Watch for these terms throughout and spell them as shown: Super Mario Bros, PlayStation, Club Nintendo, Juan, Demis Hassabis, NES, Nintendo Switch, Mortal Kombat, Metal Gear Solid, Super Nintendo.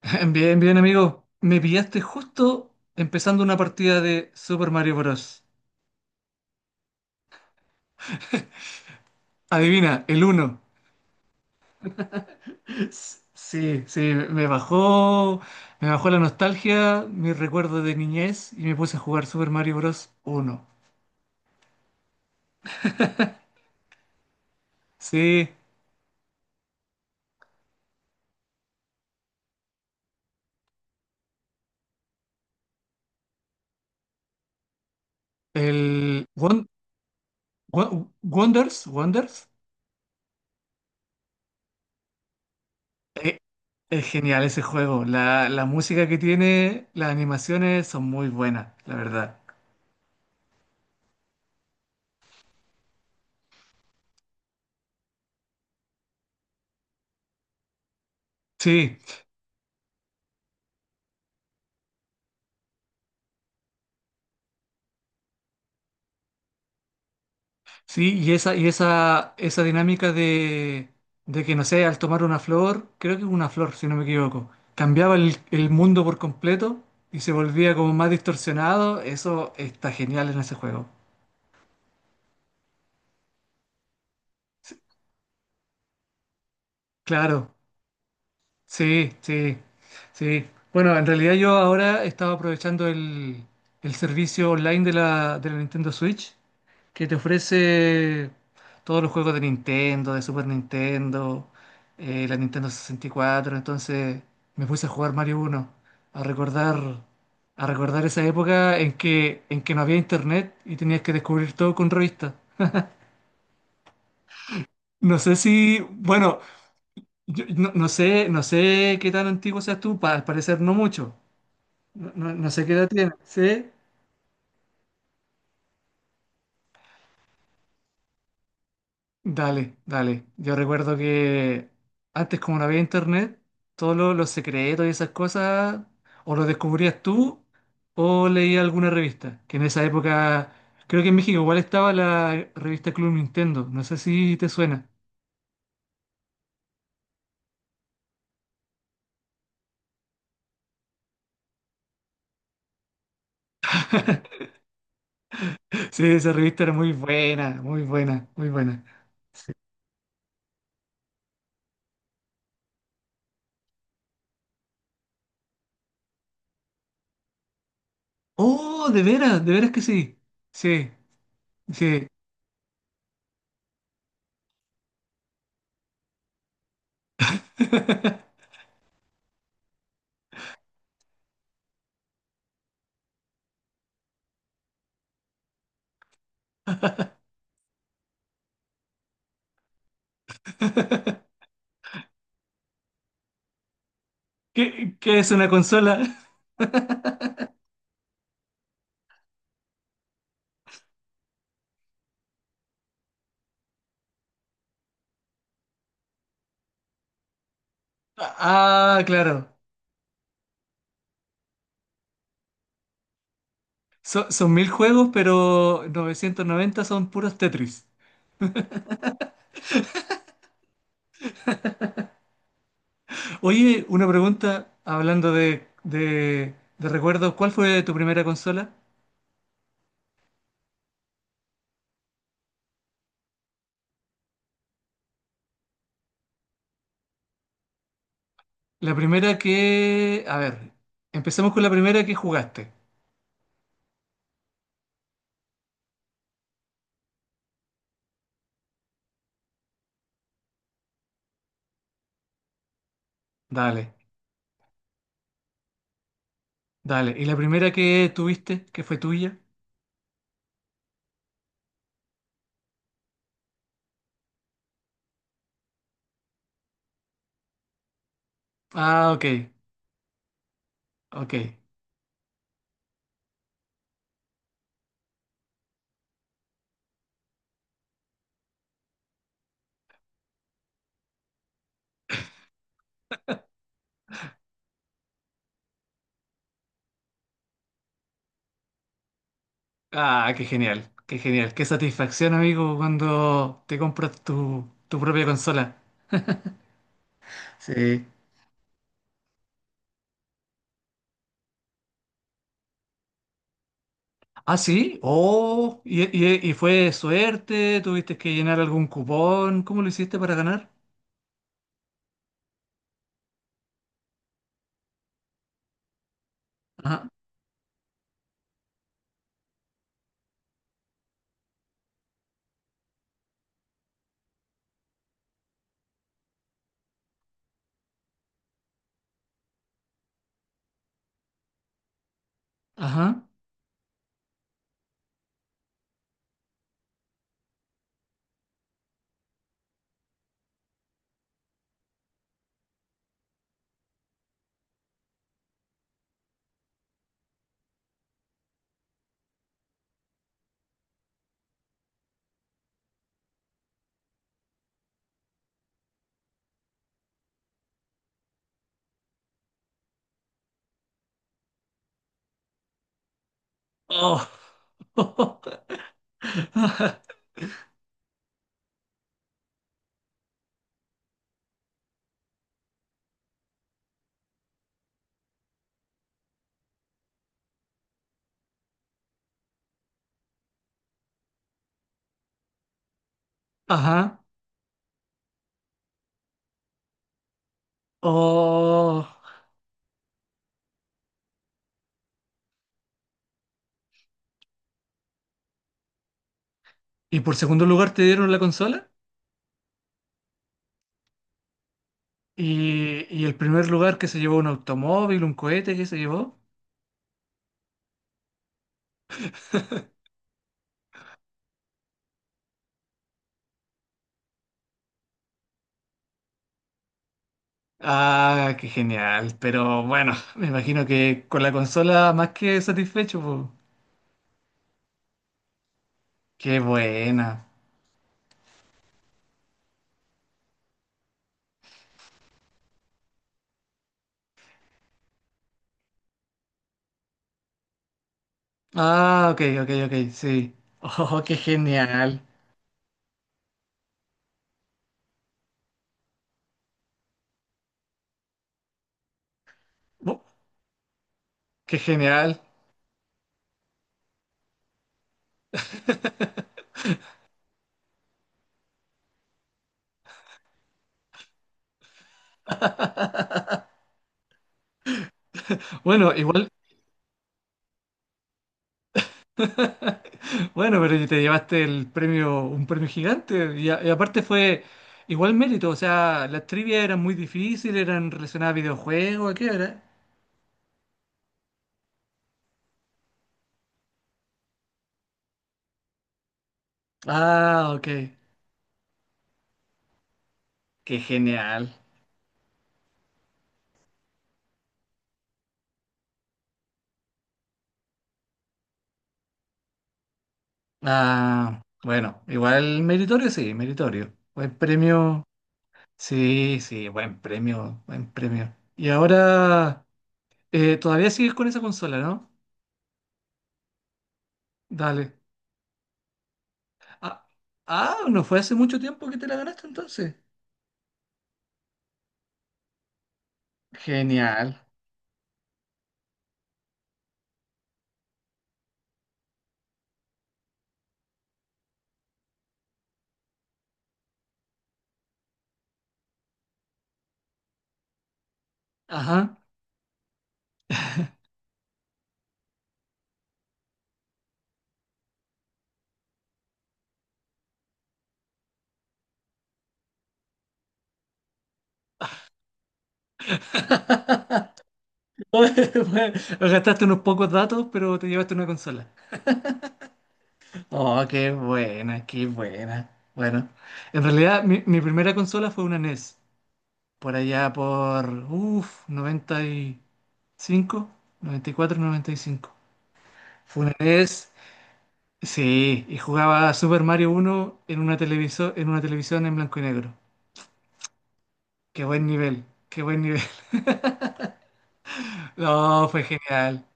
Bien, bien, amigo. Me pillaste justo empezando una partida de Super Mario Bros. Adivina, el uno. Sí, sí, me bajó, me bajó la nostalgia, mis recuerdos de niñez y me puse a jugar Super Mario Bros. Uno. Sí, el Won- Wonders, Wonders. Eh, Es genial ese juego. La música que tiene, las animaciones son muy buenas, la verdad. Sí, sí, y esa, y esa dinámica de que, no sé, al tomar una flor, creo que es una flor, si no me equivoco, cambiaba el mundo por completo y se volvía como más distorsionado, eso está genial en ese juego. Claro, sí, sí, sí. Bueno, en realidad yo ahora estaba aprovechando el servicio online de la Nintendo Switch, que te ofrece todos los juegos de Nintendo, de Super Nintendo, la Nintendo 64. Entonces me puse a jugar Mario uno, a recordar, a recordar esa época en que no había internet y tenías que descubrir todo con revistas. No sé si, bueno, no sé qué tan antiguo seas tú, al parecer no mucho. No, no sé qué edad tienes, ¿sí? Dale, dale. Yo recuerdo que antes, como no había internet, todos los secretos y esas cosas o los descubrías tú o leías alguna revista, que en esa época, creo que en México igual estaba la revista Club Nintendo, no sé si te suena. Sí, esa revista era muy buena, muy buena, muy buena. Oh, de veras que sí. Sí, sí. ¿Qué, qué es una consola? Ah, claro. Son, son 1000 juegos, pero 990 son puros Tetris. Oye, una pregunta, hablando de recuerdos, ¿cuál fue tu primera consola? La primera que... A ver, empecemos con la primera que jugaste. Dale, dale. ¿Y la primera que tuviste, que fue tuya? Ah, ok, ok. Ah, qué genial, qué genial. Qué satisfacción, amigo, cuando te compras tu, tu propia consola. Sí. Ah, sí. Oh, y fue suerte? ¿Tuviste que llenar algún cupón? ¿Cómo lo hiciste para ganar? Ajá. Ajá. Oh. Ajá. Oh. ¿Y por segundo lugar te dieron la consola? Y el primer lugar que se llevó, un automóvil, un cohete que se llevó? Ah, qué genial. Pero bueno, me imagino que con la consola más que satisfecho, po. Qué buena. Ah, ok, ok, ok, sí. Oh, qué genial. Qué genial. Bueno, igual, bueno, pero te llevaste el premio, un premio gigante y, y aparte fue igual mérito, o sea, las trivias eran muy difíciles, eran relacionadas a videojuegos, ¿a ¿qué era? Ah, ok, qué genial. Ah, bueno, igual meritorio, sí, meritorio. Buen premio, sí, sí, buen premio, buen premio. Y ahora, todavía sigues con esa consola, ¿no? Dale. Ah, ah, no fue hace mucho tiempo que te la ganaste entonces. Genial. Ajá. Bueno, gastaste unos pocos datos, pero te llevaste una consola. Oh, qué buena, qué buena. Bueno, en realidad, mi primera consola fue una NES. Por allá por, uff, 90 noventa y cinco, 94, 95. Fue una NES, sí, y jugaba Super Mario uno en una televisor, en una televisión en blanco y negro. Qué buen nivel, qué buen nivel. No, fue genial.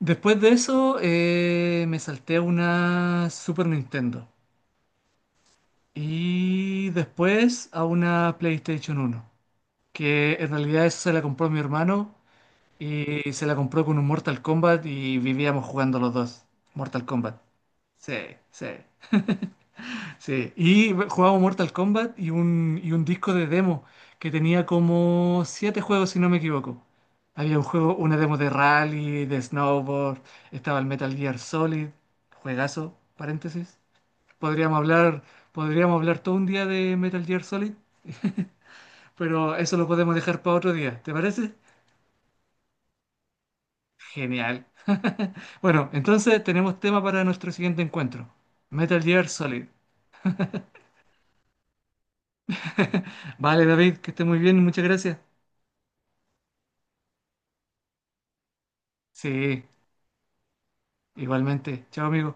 Después de eso, me salté a una Super Nintendo y después a una PlayStation uno, que en realidad esa se la compró mi hermano y se la compró con un Mortal Kombat y vivíamos jugando los dos. Mortal Kombat. Sí, sí. Sí, y jugaba Mortal Kombat y un disco de demo que tenía como 7 juegos, si no me equivoco. Había un juego, una demo de rally, de snowboard, estaba el Metal Gear Solid, juegazo, paréntesis. Podríamos hablar, podríamos hablar todo un día de Metal Gear Solid, pero eso lo podemos dejar para otro día, ¿te parece? Genial. Bueno, entonces tenemos tema para nuestro siguiente encuentro. Metal Gear Solid. Vale, David, que esté muy bien, muchas gracias. Sí, igualmente. Chao, amigo.